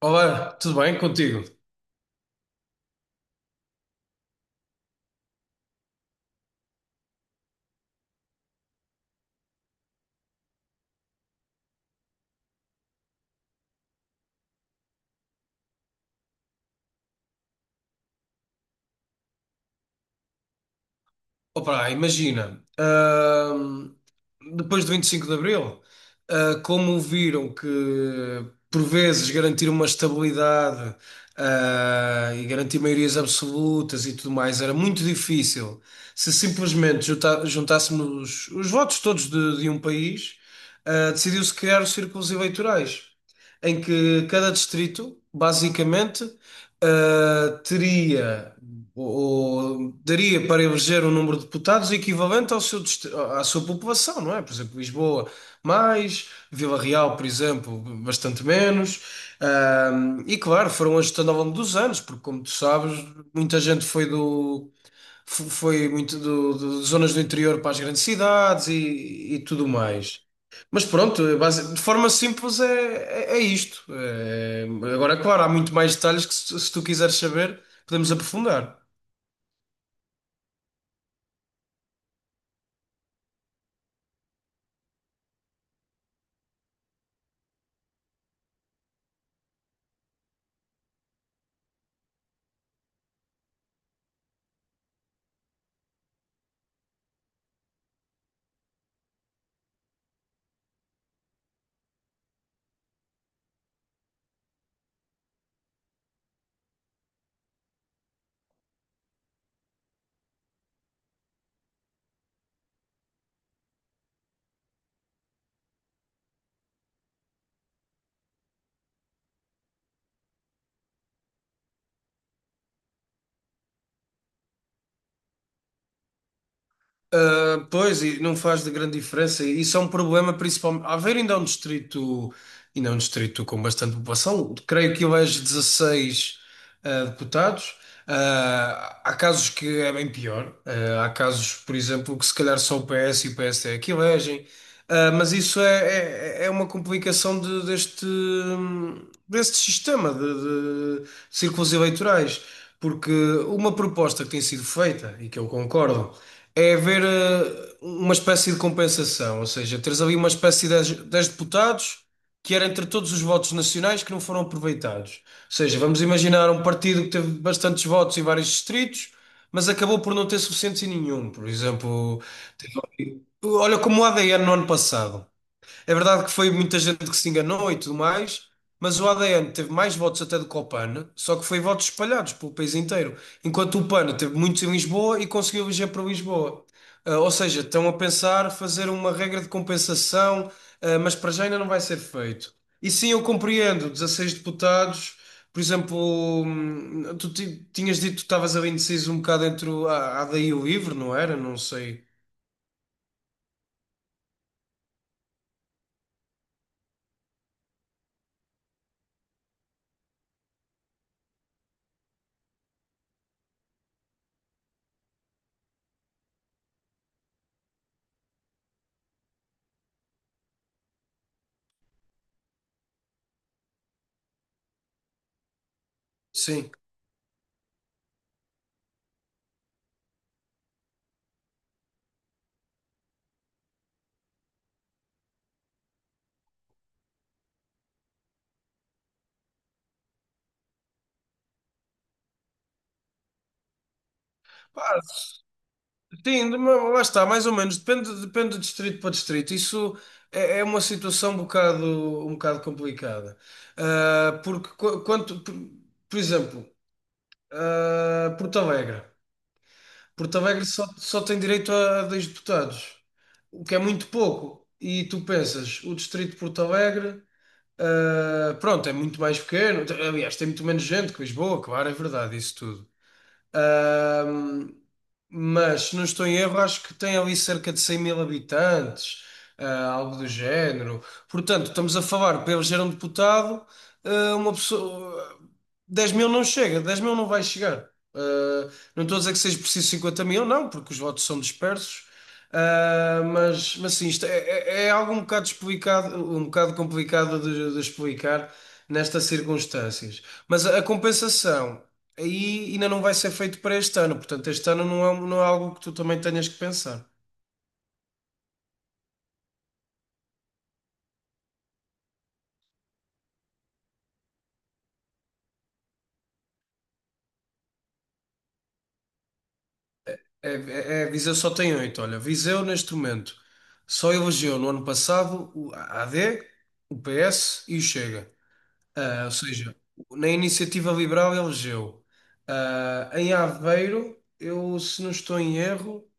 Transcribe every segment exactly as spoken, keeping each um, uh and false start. Olá, tudo bem contigo? Opa, imagina, ahm, depois do vinte e cinco de Abril, ah, como viram que por vezes garantir uma estabilidade, ah, e garantir maiorias absolutas e tudo mais era muito difícil se simplesmente junta- juntássemos os votos todos de, de um país, ah, decidiu-se criar os círculos eleitorais em que cada distrito, basicamente, Uh, teria, ou, ou daria para eleger um número de deputados equivalente ao seu, dist- à sua população, não é? Por exemplo, Lisboa mais, Vila Real, por exemplo, bastante menos. Um, e claro, foram ajustando ao longo dos anos, porque como tu sabes, muita gente foi do fo- foi muito do, do- de zonas do interior para as grandes cidades e, e tudo mais. Mas pronto, base- de forma simples é, é, é isto. É, agora, claro, há muito mais detalhes que se, se tu quiseres saber, podemos aprofundar. Ah, pois, e não faz de grande diferença. E isso é um problema, principalmente. Aveiro ainda é um distrito, ainda é um distrito com bastante população. Creio que elege dezasseis ah, deputados. Ah, há casos que é bem pior. Ah, há casos, por exemplo, que se calhar só o P S e o P S D é que elegem. Ah, mas isso é, é, é uma complicação de- deste, deste sistema de, de círculos eleitorais. Porque uma proposta que tem sido feita, e que eu concordo. É haver eh, uma espécie de compensação, ou seja, teres ali uma espécie de dez dez deputados que era entre todos os votos nacionais que não foram aproveitados. Ou seja, vamos imaginar um partido que teve bastantes votos em vários distritos, mas acabou por não ter suficientes em nenhum. Por exemplo, olha como o A D N no ano passado. É verdade que foi muita gente que se enganou e tudo mais, mas o A D N teve mais votos até do que o PAN, só que foi votos espalhados pelo país inteiro, enquanto o PAN teve muitos em Lisboa e conseguiu eleger para Lisboa. Ah, ou seja, estão a pensar fazer uma regra de compensação, ah, mas para já ainda não vai ser feito. E sim, eu compreendo. Dezasseis deputados, por exemplo, hum, tu ti- tinhas dito que estavas ali indeciso um bocado entre o a- a AD e o LIVRE, não era? Não sei. Sim. Sim, de- mas lá está, mais ou menos, depende, depende de distrito para distrito. Isso é, é uma situação um bocado, um bocado complicada. Ah, porque qu- quanto, por, por exemplo, ah, Porto Alegre. Porto Alegre só, só tem direito a dois deputados, o que é muito pouco. E tu pensas, o distrito de Porto Alegre, ah, pronto, é muito mais pequeno. Aliás, tem muito menos gente que Lisboa, claro, é verdade, isso tudo. Ahm, mas, se não estou em erro, acho que tem ali cerca de cem mil habitantes, ah, algo do género. Portanto, estamos a falar para eleger um deputado, ah, uma pessoa. Dez mil não chega, dez mil não vai chegar. Ah, não estou a dizer que seja preciso cinquenta mil, não, porque os votos são dispersos. Ah, mas, mas sim, isto é, é- é algo um bocado explicado, um bocado complicado de de explicar nestas circunstâncias. Mas a a compensação aí ainda não vai ser feito para este ano. Portanto, este ano não é, um, não é algo que tu também tenhas que pensar. É, é- é- Viseu só tem oito. Olha, Viseu neste momento só elegeu no ano passado o A D, o P S e o Chega. Ah, ou seja, na Iniciativa Liberal elegeu. Ah, em Aveiro, eu, se não estou em erro,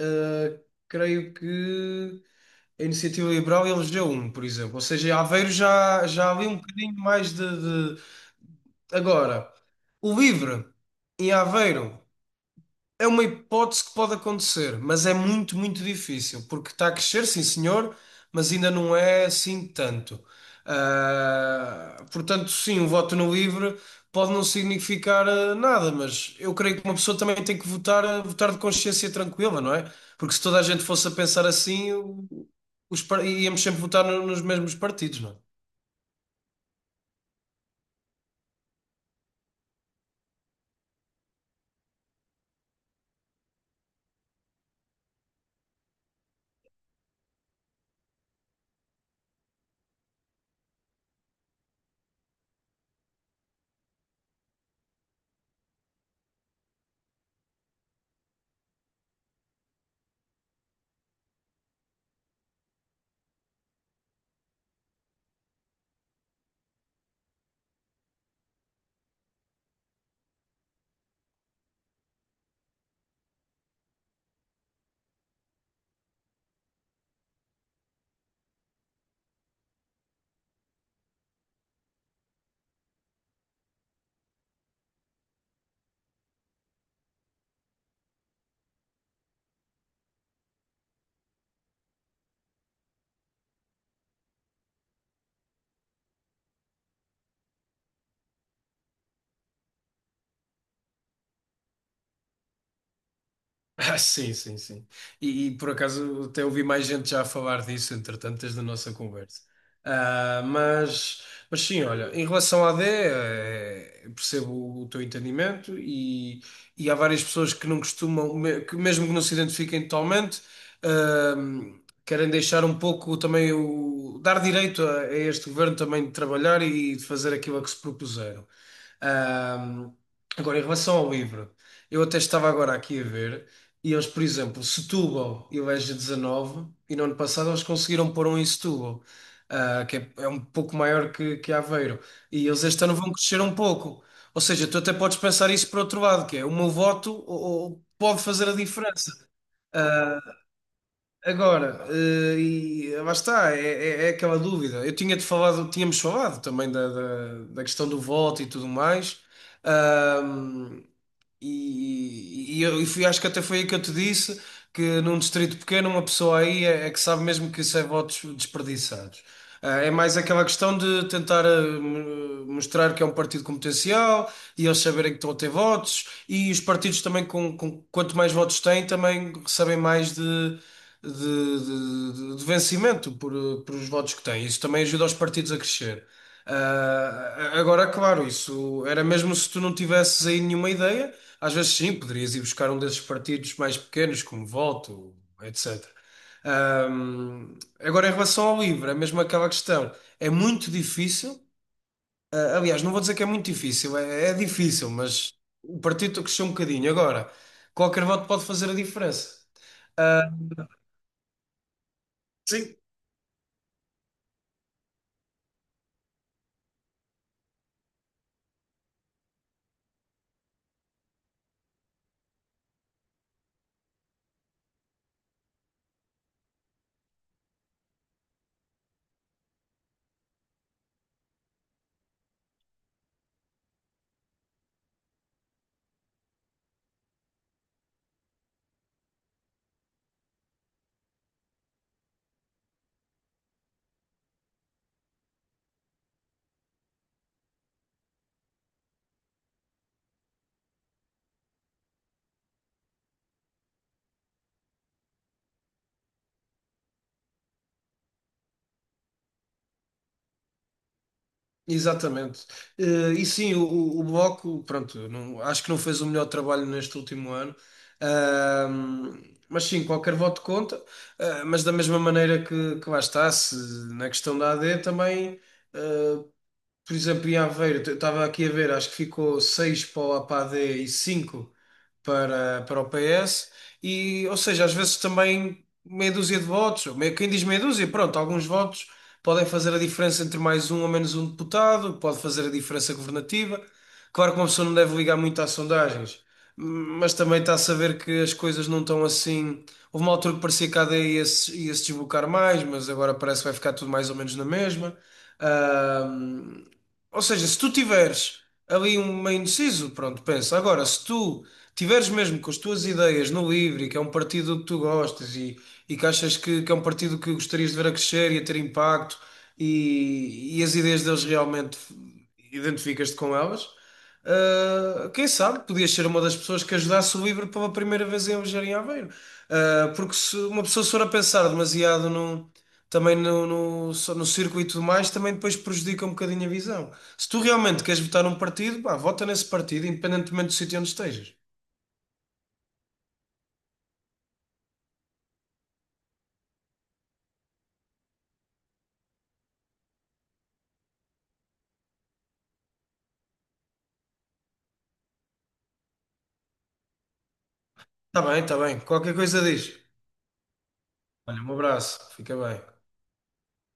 ah, creio que a Iniciativa Liberal elegeu um, por exemplo. Ou seja, Aveiro já, já há ali um bocadinho mais de. Agora, o livre em Aveiro é uma hipótese que pode acontecer, mas é muito, muito difícil, porque está a crescer, sim senhor, mas ainda não é assim tanto. Ah, portanto, sim, o voto no livre pode não significar ah, nada, mas eu creio que uma pessoa também tem que votar, ah, votar de consciência tranquila, não é? Porque se toda a gente fosse a pensar assim, o- os, par- íamos sempre votar no- nos mesmos partidos, não é? Ah, sim, sim, sim. E, e, por acaso até ouvi mais gente já a falar disso, entretanto, desde a nossa conversa. Ah, mas, mas sim, olha, em relação à A D, eh, eu percebo o teu entendimento e, e há várias pessoas que não costumam, me- que mesmo que não se identifiquem totalmente, ahm, querem deixar um pouco também o, dar direito a, a este governo também de trabalhar e de fazer aquilo a que se propuseram. Ahm, Agora, em relação ao livro. Eu até estava agora aqui a ver. E eles, por exemplo, Setúbal e o Eja dezanove, e no ano passado eles conseguiram pôr um em Setúbal, ah, que é, é um pouco maior que, que Aveiro. E eles este ano vão crescer um pouco. Ou seja, tu até podes pensar isso por outro lado, que é o meu voto ou- ou pode fazer a diferença. Ah, Agora, eh, e lá está, é, é- é aquela dúvida. Eu tinha-te falado, tínhamos falado também da, da, da questão do voto e tudo mais. E, e eu e Fui, acho que até foi aí que eu te disse que num distrito pequeno uma pessoa aí é, é que sabe mesmo que isso é votos desperdiçados. Ah, É mais aquela questão de tentar ah, mo- mostrar que é um partido com potencial e eles saberem que estão a ter votos e os partidos também com, com- quanto mais votos têm também recebem mais de, de, de- de- de vencimento por, por os votos que têm. Isso também ajuda os partidos a crescer. Ah, agora, claro, isso era mesmo se tu não tivesses aí nenhuma ideia, às vezes sim, poderias ir buscar um desses partidos mais pequenos, como Voto, etcétera. Ahm, agora, em relação ao livro, é mesmo aquela questão. É muito difícil. Ah, aliás, não vou dizer que é muito difícil, é, é difícil, mas o partido cresceu um bocadinho. Agora, qualquer voto pode fazer a diferença. Exatamente. Eh, e sim, o, o o Bloco, pronto, não- acho que não fez o melhor trabalho neste último ano. Ahm, mas sim, qualquer voto conta. Ah, mas da mesma maneira que, que lá está, se, na questão da A D também. eh, por exemplo, em Aveiro, eu estava aqui a ver, acho que ficou seis para o A P A D e cinco para, para o P S. E, ou seja, às vezes também meia dúzia de votos, ou meio- quem diz meia dúzia, pronto, alguns votos podem fazer a diferença entre mais um ou menos um deputado, pode fazer a diferença governativa. Claro que uma pessoa não deve ligar muito às sondagens, mas também está a saber que as coisas não estão assim. Houve uma altura que parecia que a AD ia se, ia se desbocar mais, mas agora parece que vai ficar tudo mais ou menos na mesma. Ou seja, se tu tiveres ali um meio indeciso, pronto, pensa. Agora, se tu tiveres mesmo com as tuas ideias no livre e que é um partido que tu gostas e, e que achas que, que é um partido que gostarias de ver a crescer e a ter impacto e, e as ideias deles realmente identificas-te com elas. Uh, quem sabe, podias ser uma das pessoas que ajudasse o Livro pela primeira vez em viajar em Aveiro. Uh, porque se uma pessoa se for a pensar demasiado no, também no, no, só no circuito e tudo mais, também depois prejudica um bocadinho a visão. Se tu realmente queres votar num partido, pá, vota nesse partido, independentemente do sítio onde estejas. Está bem, está bem. Qualquer coisa diz. Olha, um abraço. Fica bem.